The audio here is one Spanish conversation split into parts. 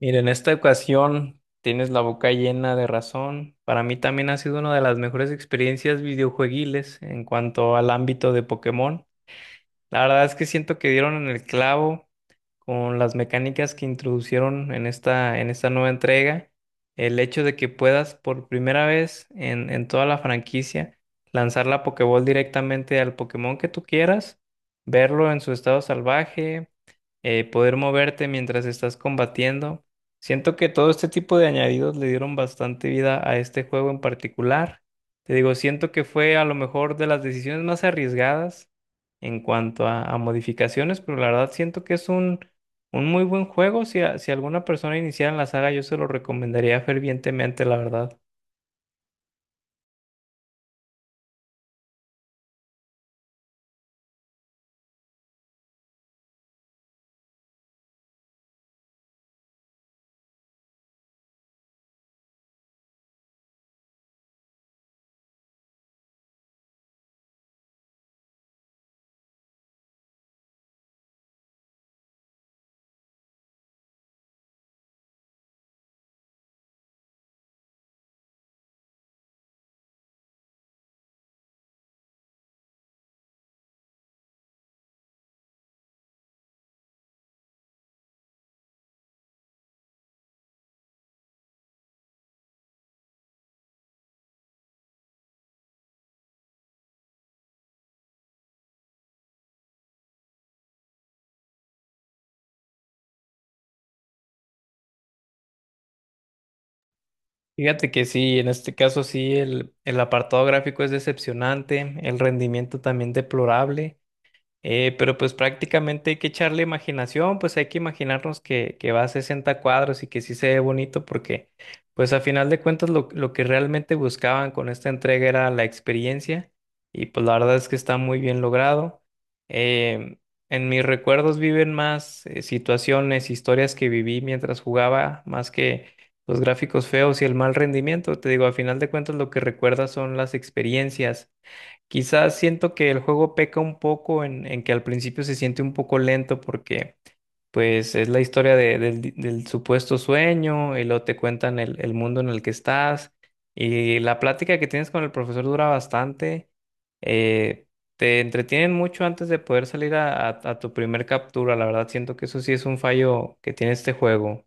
Mira, en esta ocasión tienes la boca llena de razón. Para mí también ha sido una de las mejores experiencias videojueguiles en cuanto al ámbito de Pokémon. La verdad es que siento que dieron en el clavo con las mecánicas que introducieron en esta nueva entrega, el hecho de que puedas por primera vez en toda la franquicia lanzar la Pokéball directamente al Pokémon que tú quieras, verlo en su estado salvaje, poder moverte mientras estás combatiendo. Siento que todo este tipo de añadidos le dieron bastante vida a este juego en particular. Te digo, siento que fue a lo mejor de las decisiones más arriesgadas en cuanto a modificaciones, pero la verdad siento que es un muy buen juego, si, si alguna persona iniciara en la saga, yo se lo recomendaría fervientemente, la verdad. Fíjate que sí, en este caso sí, el apartado gráfico es decepcionante, el rendimiento también deplorable. Pero pues prácticamente hay que echarle imaginación, pues hay que imaginarnos que va a 60 cuadros y que sí se ve bonito porque pues a final de cuentas lo que realmente buscaban con esta entrega era la experiencia y pues la verdad es que está muy bien logrado. Em, en mis recuerdos viven más situaciones, historias que viví mientras jugaba, más que los gráficos feos y el mal rendimiento. Te digo, a final de cuentas lo que recuerdas son las experiencias. Quizás siento que el juego peca un poco en que al principio se siente un poco lento porque pues es la historia del supuesto sueño y luego te cuentan el mundo en el que estás y la plática que tienes con el profesor dura bastante. eh, Te entretienen mucho antes de poder salir a tu primer captura. La verdad siento que eso sí es un fallo que tiene este juego.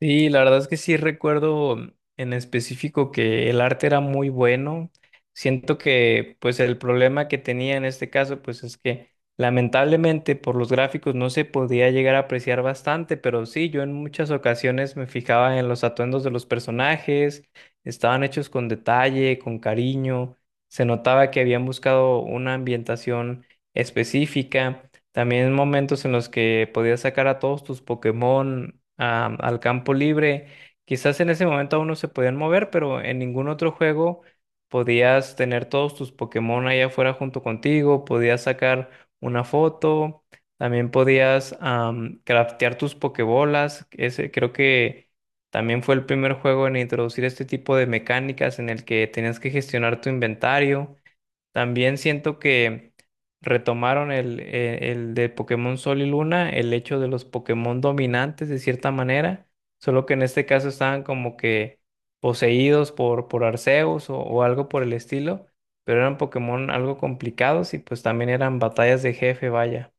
Sí, la verdad es que sí recuerdo en específico que el arte era muy bueno. Siento que pues el problema que tenía en este caso pues es que lamentablemente por los gráficos no se podía llegar a apreciar bastante, pero sí, yo en muchas ocasiones me fijaba en los atuendos de los personajes, estaban hechos con detalle, con cariño, se notaba que habían buscado una ambientación específica. También momentos en los que podías sacar a todos tus Pokémon al campo libre. Quizás en ese momento aún no se podían mover, pero en ningún otro juego podías tener todos tus Pokémon allá afuera junto contigo, podías sacar una foto, también podías craftear tus Pokébolas. Ese creo que también fue el primer juego en introducir este tipo de mecánicas en el que tenías que gestionar tu inventario. También siento que retomaron el de Pokémon Sol y Luna, el hecho de los Pokémon dominantes de cierta manera, solo que en este caso estaban como que poseídos por Arceus o algo por el estilo, pero eran Pokémon algo complicados y pues también eran batallas de jefe, vaya.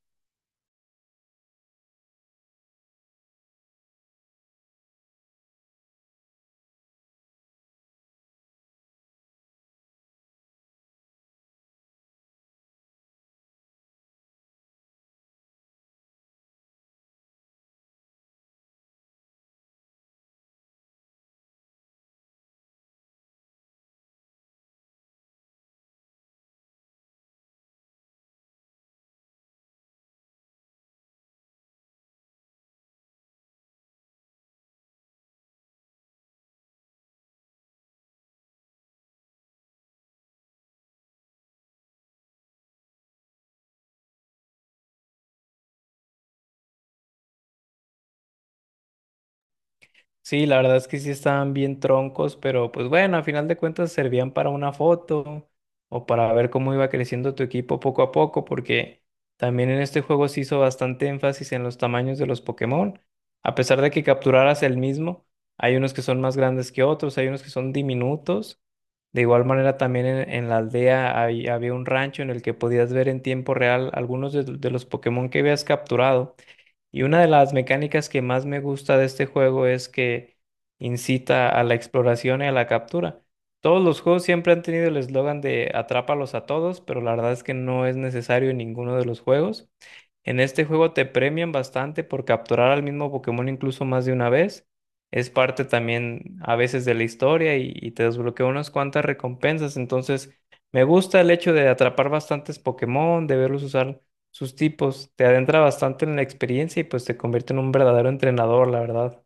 Sí, la verdad es que sí estaban bien troncos, pero pues bueno, a final de cuentas servían para una foto o para ver cómo iba creciendo tu equipo poco a poco, porque también en este juego se hizo bastante énfasis en los tamaños de los Pokémon. A pesar de que capturaras el mismo, hay unos que son más grandes que otros, hay unos que son diminutos. De igual manera, también en la aldea había un rancho en el que podías ver en tiempo real algunos de los Pokémon que habías capturado. Y una de las mecánicas que más me gusta de este juego es que incita a la exploración y a la captura. Todos los juegos siempre han tenido el eslogan de atrápalos a todos, pero la verdad es que no es necesario en ninguno de los juegos. En este juego te premian bastante por capturar al mismo Pokémon incluso más de una vez. Es parte también a veces de la historia y te desbloquea unas cuantas recompensas. Entonces, me gusta el hecho de atrapar bastantes Pokémon, de verlos usar sus tipos, te adentra bastante en la experiencia y pues te convierte en un verdadero entrenador, la verdad.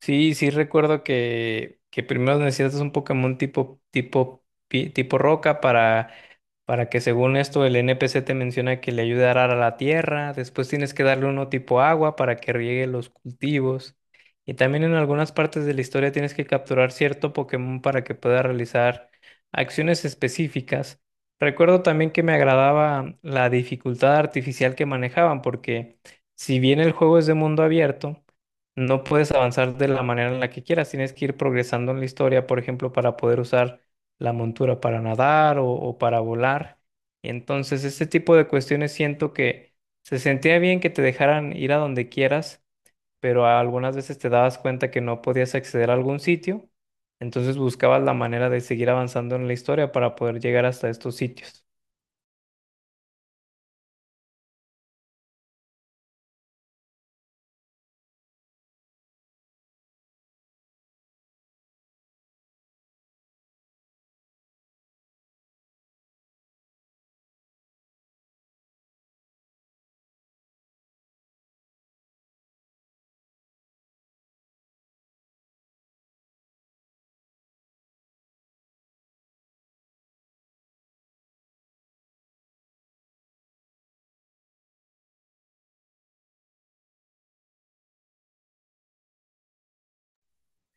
Sí, sí recuerdo que primero necesitas un Pokémon tipo roca para. Para que según esto el NPC te menciona que le ayude a arar a la tierra, después tienes que darle uno tipo agua para que riegue los cultivos. Y también en algunas partes de la historia tienes que capturar cierto Pokémon para que pueda realizar acciones específicas. Recuerdo también que me agradaba la dificultad artificial que manejaban, porque si bien el juego es de mundo abierto, no puedes avanzar de la manera en la que quieras, tienes que ir progresando en la historia, por ejemplo, para poder usar la montura para nadar o para volar. Y entonces este tipo de cuestiones siento que se sentía bien que te dejaran ir a donde quieras, pero algunas veces te dabas cuenta que no podías acceder a algún sitio, entonces buscabas la manera de seguir avanzando en la historia para poder llegar hasta estos sitios.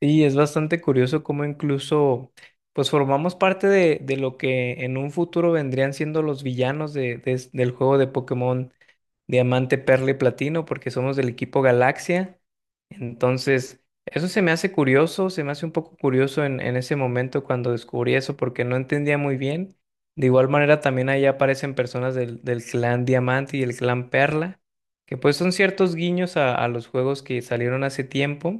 Sí, es bastante curioso cómo incluso pues formamos parte de lo que en un futuro vendrían siendo los villanos del juego de Pokémon Diamante, Perla y Platino, porque somos del equipo Galaxia. Entonces, eso se me hace curioso, se me hace un poco curioso en ese momento cuando descubrí eso, porque no entendía muy bien. De igual manera, también ahí aparecen personas del clan Diamante y el clan Perla, que pues son ciertos guiños a los juegos que salieron hace tiempo.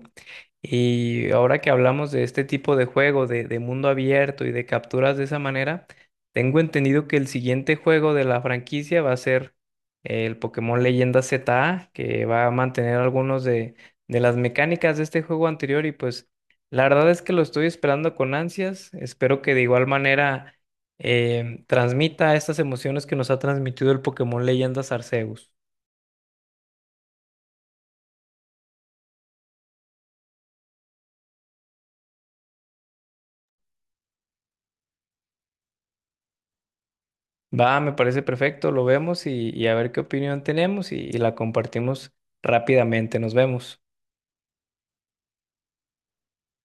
Y ahora que hablamos de este tipo de juego, de mundo abierto y de capturas de esa manera, tengo entendido que el siguiente juego de la franquicia va a ser el Pokémon Leyenda ZA, que va a mantener algunos de las mecánicas de este juego anterior. Y pues la verdad es que lo estoy esperando con ansias. Espero que de igual manera transmita estas emociones que nos ha transmitido el Pokémon Leyenda Arceus. Va, me parece perfecto, lo vemos y a ver qué opinión tenemos y la compartimos rápidamente. Nos vemos.